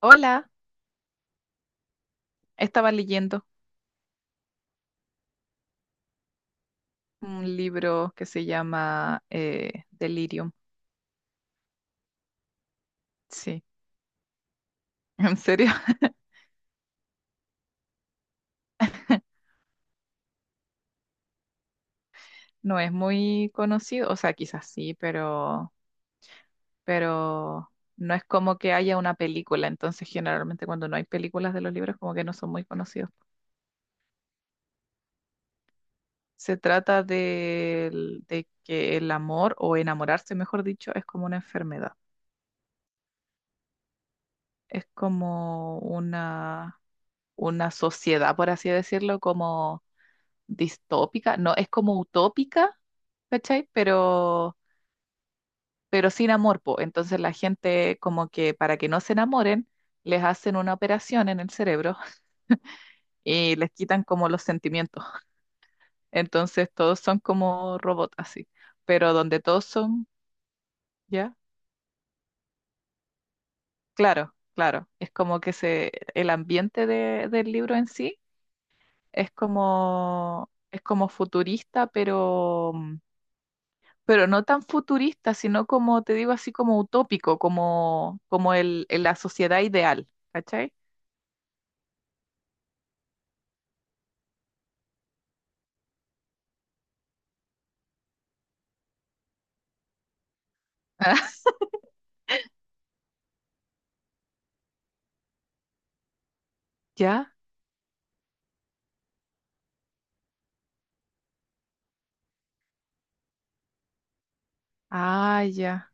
Hola, estaba leyendo un libro que se llama Delirium. Sí, en serio, no es muy conocido, o sea, quizás sí, pero no es como que haya una película, entonces generalmente cuando no hay películas de los libros como que no son muy conocidos. Se trata de que el amor o enamorarse, mejor dicho, es como una enfermedad, es como una sociedad, por así decirlo, como distópica, no, es como utópica, ¿cachai? Pero sin amor, po. Entonces la gente como que para que no se enamoren, les hacen una operación en el cerebro y les quitan como los sentimientos. Entonces todos son como robots así, pero donde todos son, ¿ya? Claro, claro, es como que el ambiente del libro en sí es como futurista, pero no tan futurista, sino como te digo, así como utópico, como la sociedad ideal, ¿cachai? ¿Ya? Ah, ya.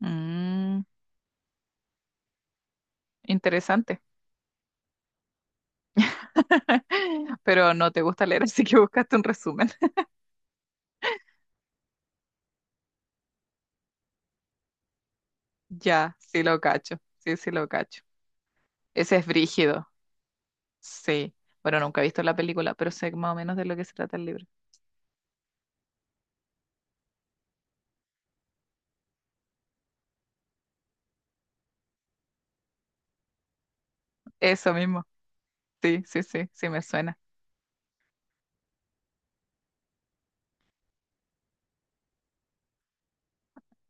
Mm, interesante. Pero no te gusta leer, así que buscaste un resumen. Ya, sí lo cacho, sí, sí lo cacho. Ese es brígido, sí. Bueno, nunca he visto la película, pero sé más o menos de lo que se trata el libro. Eso mismo, sí, sí, sí, sí me suena.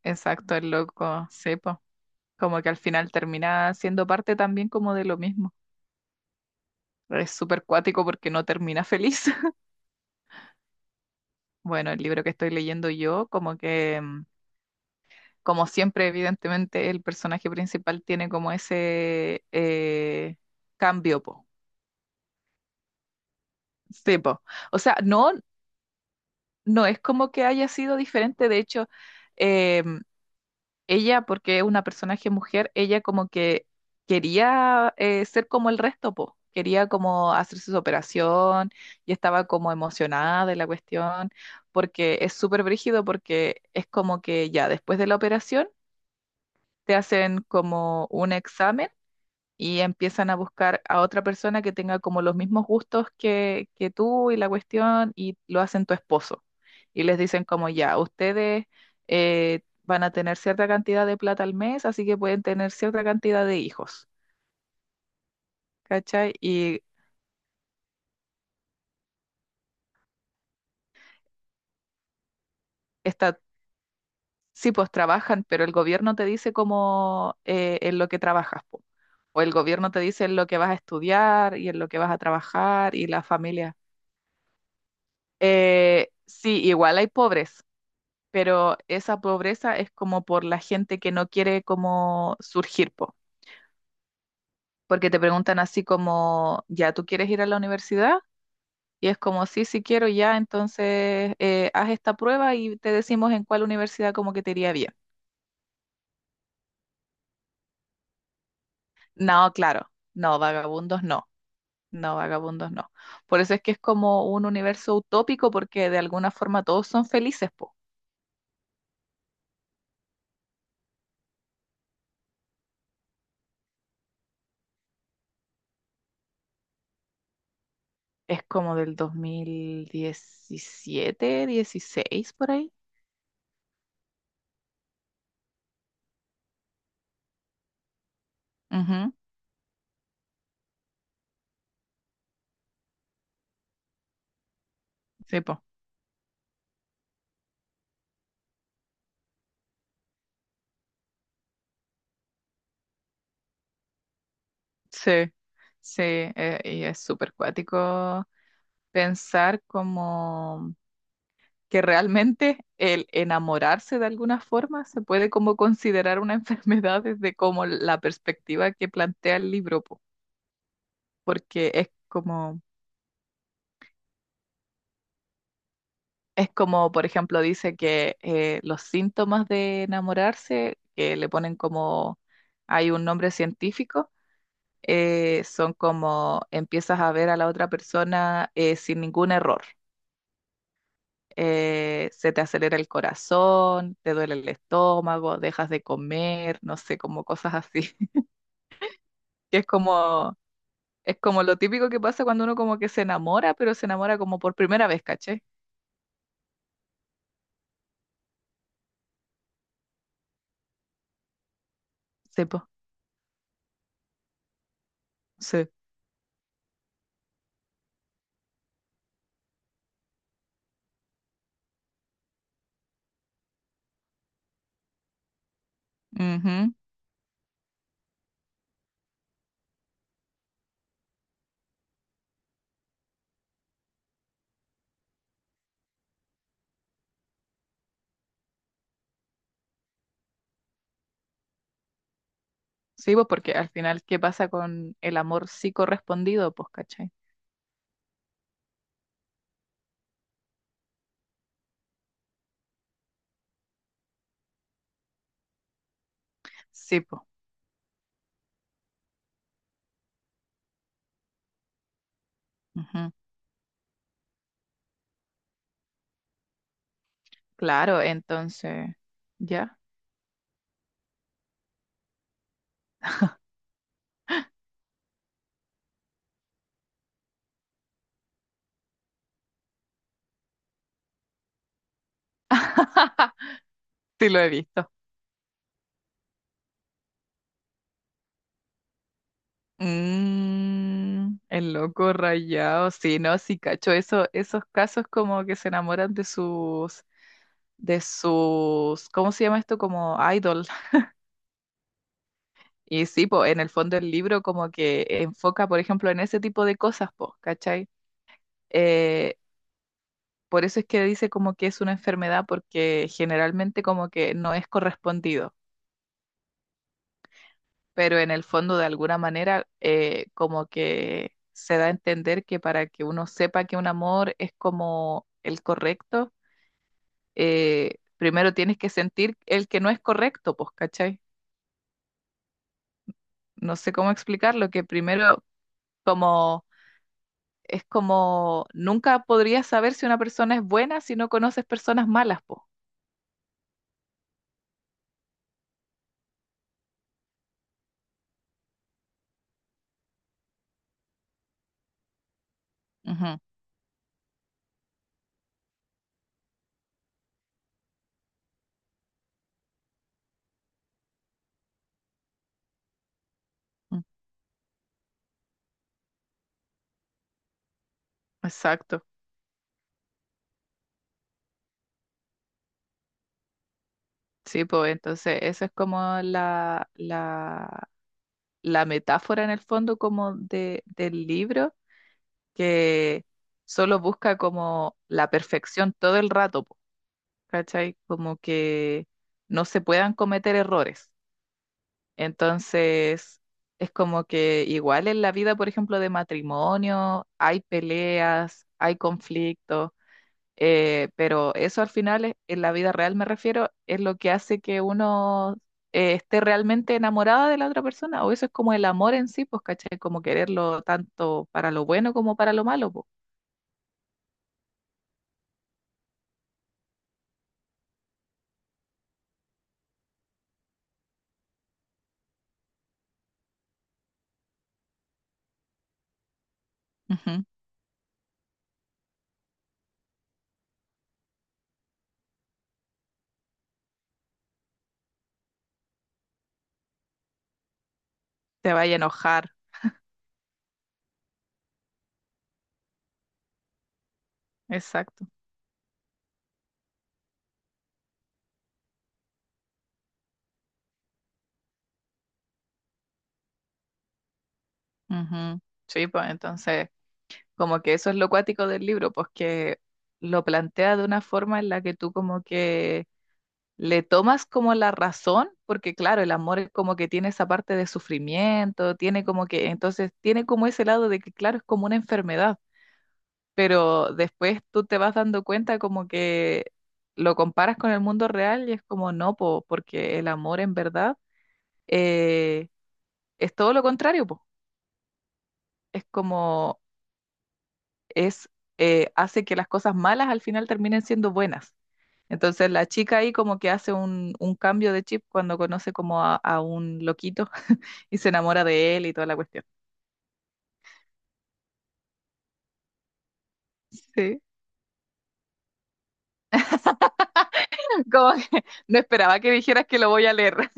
Exacto, el loco, sí, como que al final termina siendo parte también como de lo mismo. Es súper cuático porque no termina feliz. Bueno, el libro que estoy leyendo yo, como que, como siempre, evidentemente, el personaje principal tiene como ese cambio, po. Sí, po. O sea, no, no es como que haya sido diferente, de hecho, em, ella, porque es una personaje mujer, ella como que quería ser como el resto, po. Quería como hacerse su operación y estaba como emocionada de la cuestión, porque es súper brígido, porque es como que ya después de la operación te hacen como un examen y empiezan a buscar a otra persona que tenga como los mismos gustos que tú y la cuestión y lo hacen tu esposo. Y les dicen como ya, ustedes van a tener cierta cantidad de plata al mes, así que pueden tener cierta cantidad de hijos, ¿cachai? Y está, sí, pues trabajan, pero el gobierno te dice como en lo que trabajas, po. O el gobierno te dice en lo que vas a estudiar y en lo que vas a trabajar y la familia. Sí, igual hay pobres, pero esa pobreza es como por la gente que no quiere como surgir, po. Porque te preguntan así como, ya, ¿tú quieres ir a la universidad? Y es como, sí, sí quiero, ya, entonces haz esta prueba y te decimos en cuál universidad como que te iría bien. No, claro, no, vagabundos no, no, vagabundos no. Por eso es que es como un universo utópico porque de alguna forma todos son felices, po. Es como del 2017 16 por ahí. Ujú, sí, po. Sí, sí, y es súper cuático pensar como que realmente el enamorarse de alguna forma se puede como considerar una enfermedad desde como la perspectiva que plantea el libro, po, porque es como, por ejemplo, dice que los síntomas de enamorarse, que le ponen como, hay un nombre científico, son como empiezas a ver a la otra persona sin ningún error se te acelera el corazón, te duele el estómago, dejas de comer, no sé, como cosas así. Que es como lo típico que pasa cuando uno como que se enamora, pero se enamora como por primera vez, ¿caché? Sí, pues, sí. Ujú. Sí, pues porque al final, ¿qué pasa con el amor sí correspondido? Pues, ¿cachai? Sí, pues. Ujú. Claro, entonces, ya. Sí lo he visto. Mm, el loco rayado, sí, no, sí, cacho, eso, esos casos como que se enamoran ¿cómo se llama esto? Como idol. Y sí, po, en el fondo el libro como que enfoca, por ejemplo, en ese tipo de cosas, po, ¿cachai? Eh, por eso es que dice como que es una enfermedad, porque generalmente como que no es correspondido. Pero en el fondo de alguna manera como que se da a entender que para que uno sepa que un amor es como el correcto, primero tienes que sentir el que no es correcto, pues, ¿cachai? No sé cómo explicarlo, que primero como es como nunca podrías saber si una persona es buena si no conoces personas malas, pues. Ujú, ujú, exacto. Sí, pues entonces eso es como la metáfora en el fondo como del libro que solo busca como la perfección todo el rato, po, ¿cachai? Como que no se puedan cometer errores. Entonces, es como que igual en la vida, por ejemplo, de matrimonio, hay peleas, hay conflictos, pero eso al final, en la vida real me refiero, es lo que hace que uno esté realmente enamorada de la otra persona, o eso es como el amor en sí, pues, ¿cachai? Como quererlo tanto para lo bueno como para lo malo, pues. Te vaya a enojar. Exacto. Ujú. Sí, pues entonces, como que eso es lo cuático del libro, pues que lo plantea de una forma en la que tú como que le tomas como la razón, porque claro, el amor es como que tiene esa parte de sufrimiento, tiene como que, entonces tiene como ese lado de que claro, es como una enfermedad, pero después tú te vas dando cuenta como que lo comparas con el mundo real y es como no, po, porque el amor en verdad eh, es todo lo contrario, po, es como es hace que las cosas malas al final terminen siendo buenas. Entonces la chica ahí como que hace un cambio de chip cuando conoce como a un loquito y se enamora de él y toda la cuestión. Sí, como que no esperaba que dijeras que lo voy a leer.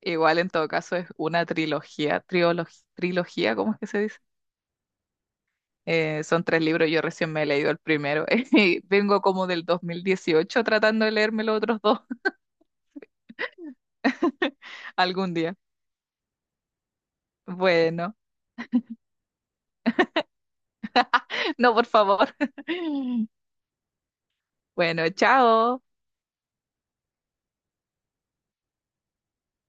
Igual en todo caso es una trilogía, ¿cómo es que se dice? Son tres libros, yo recién me he leído el primero y vengo como del 2018 tratando de leerme los otros dos algún día. Bueno. No, por favor. Bueno, chao.